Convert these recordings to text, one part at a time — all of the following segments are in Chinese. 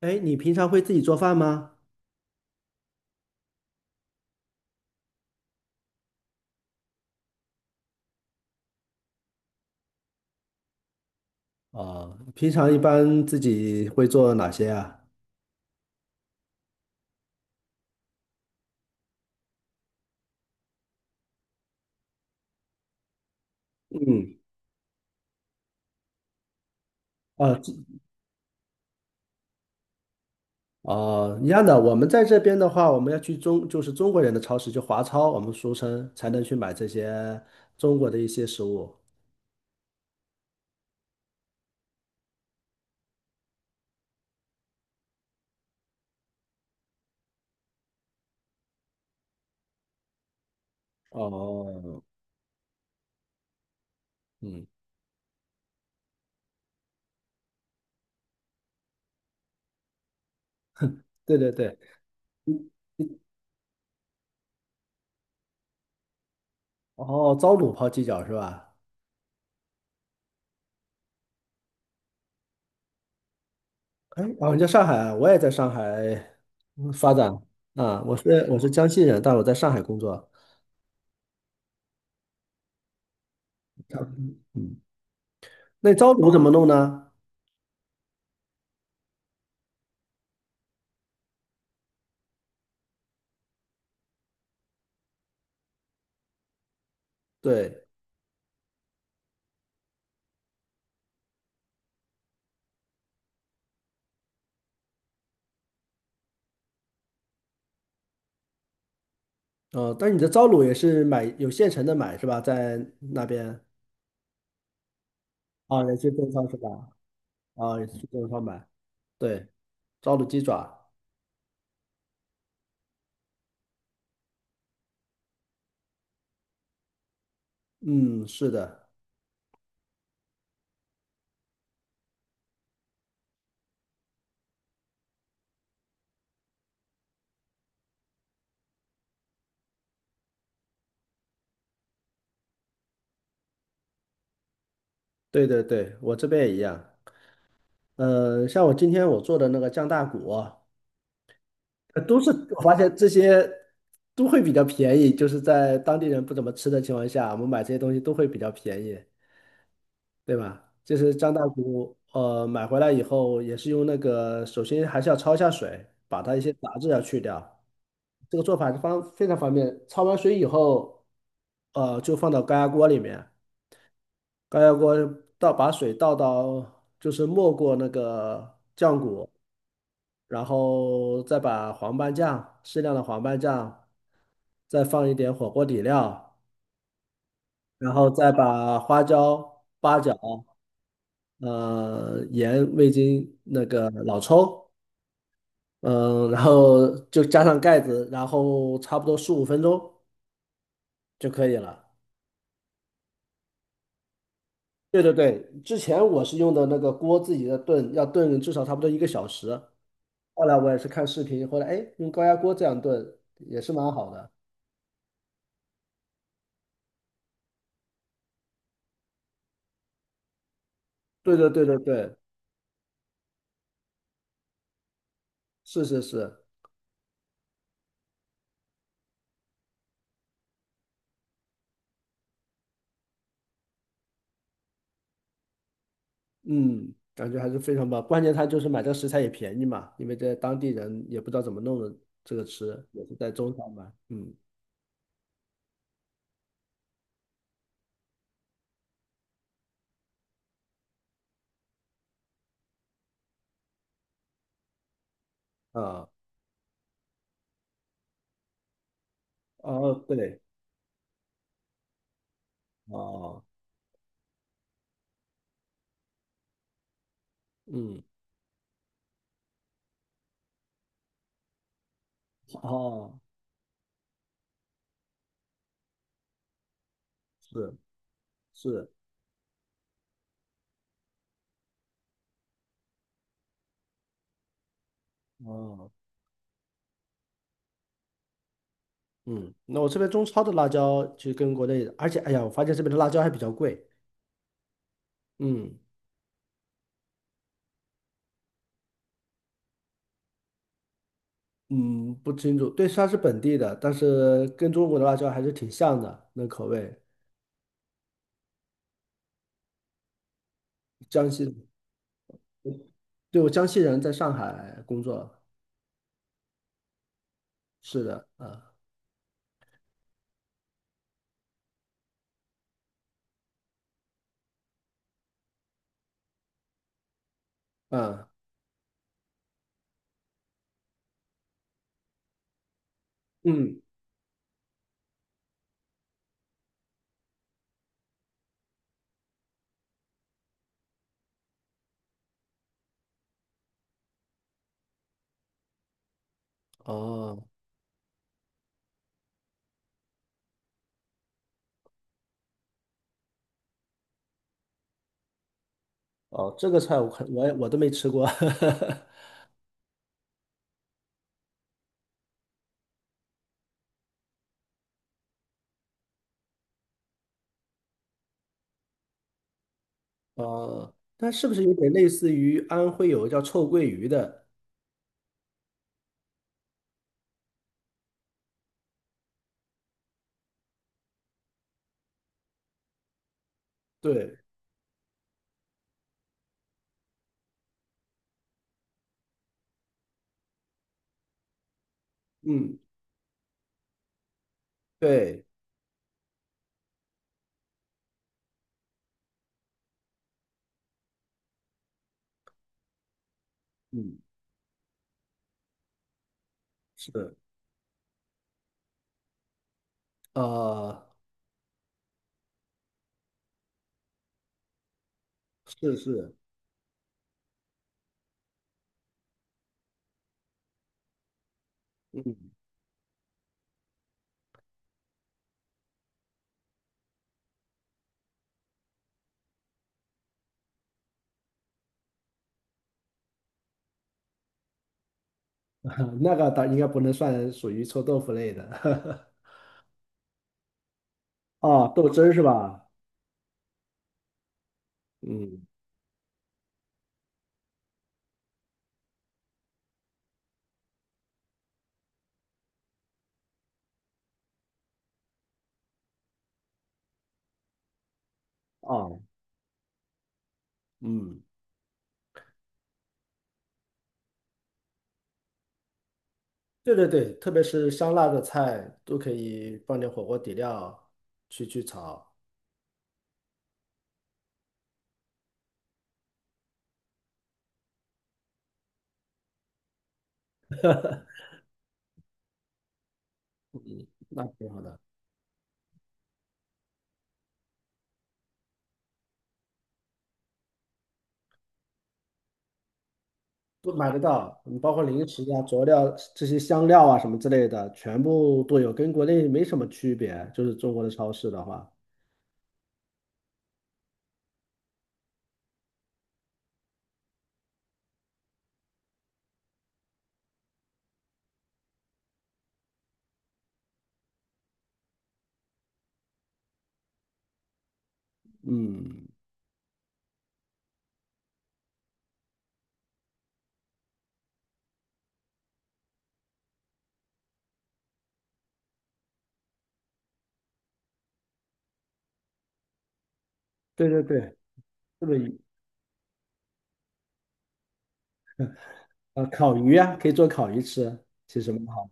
哎，你平常会自己做饭吗？啊、平常一般自己会做哪些啊？嗯，啊，啊，一样的。我们在这边的话，我们要去就是中国人的超市，就华超，我们俗称才能去买这些中国的一些食物。哦，嗯，对对对。哦，糟卤泡鸡脚是吧？哎，哦，你在上海啊，我也在上海发展啊。我是江西人，但我在上海工作。嗯，那糟卤怎么弄呢？对。哦，但是你的糟卤也是买有现成的买是吧？在那边啊，也是中超是吧？啊，也是去中超买。对，糟卤鸡爪，嗯，是的，对对对，我这边也一样。像我今天我做的那个酱大骨啊都是我发现这些都会比较便宜，就是在当地人不怎么吃的情况下，我们买这些东西都会比较便宜，对吧？就是酱大骨，买回来以后也是用那个，首先还是要焯一下水，把它一些杂质要去掉。这个做法非常方便。焯完水以后，就放到高压锅里面，高压锅把水倒到，就是没过那个酱骨，然后再把黄斑酱，适量的黄斑酱，再放一点火锅底料，然后再把花椒、八角、盐、味精、那个老抽。嗯，然后就加上盖子，然后差不多15分钟就可以了。对对对，之前我是用的那个锅自己的炖，要炖至少差不多一个小时。后来我也是看视频，后来哎，用高压锅这样炖也是蛮好的。对对对对对，是是是，嗯，感觉还是非常棒。关键它就是买这个食材也便宜嘛，因为这当地人也不知道怎么弄的这个吃，也是在中超嘛。嗯啊哦对哦嗯哦是是哦。嗯，那我这边中超的辣椒其实跟国内的，而且哎呀，我发现这边的辣椒还比较贵。嗯嗯，不清楚，对，它是本地的，但是跟中国的辣椒还是挺像的，那口味。江西，对，我江西人，在上海工作。是的，啊啊嗯，哦哦，这个菜我看我也我都没吃过。哦，它是不是有点类似于安徽有个叫臭鳜鱼的？对，嗯，对，嗯，是，啊是是。嗯，那个倒应该不能算属于臭豆腐类的。哦，豆汁儿是吧？嗯，哦，嗯，对对对，特别是香辣的菜都可以放点火锅底料去炒，那挺好的，都买得到。你包括零食啊、佐料这些香料啊什么之类的，全部都有，跟国内没什么区别。就是中国的超市的话，嗯，对对对，这个鱼啊烤鱼啊，可以做烤鱼吃，其实蛮好。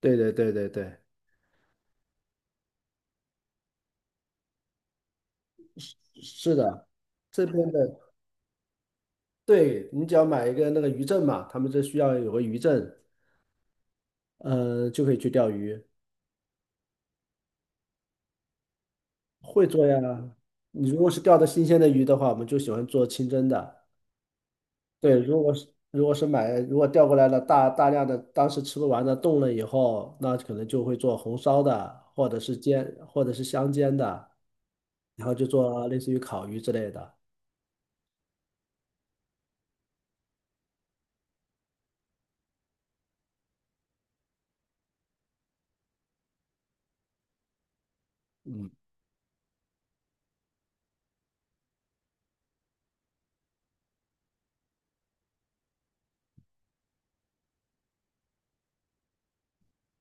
对对对对对。是的，这边的，对，你只要买一个那个渔证嘛，他们这需要有个渔证，就可以去钓鱼，会做呀。你如果是钓的新鲜的鱼的话，我们就喜欢做清蒸的。对，如果是买，如果钓过来了大量的，当时吃不完的冻了以后，那可能就会做红烧的，或者是煎，或者是香煎的，然后就做类似于烤鱼之类的。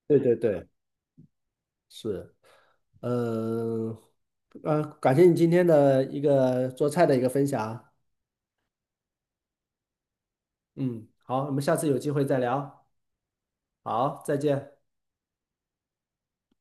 对对对。是，嗯，感谢你今天的一个做菜的一个分享。嗯，好，我们下次有机会再聊。好，再见。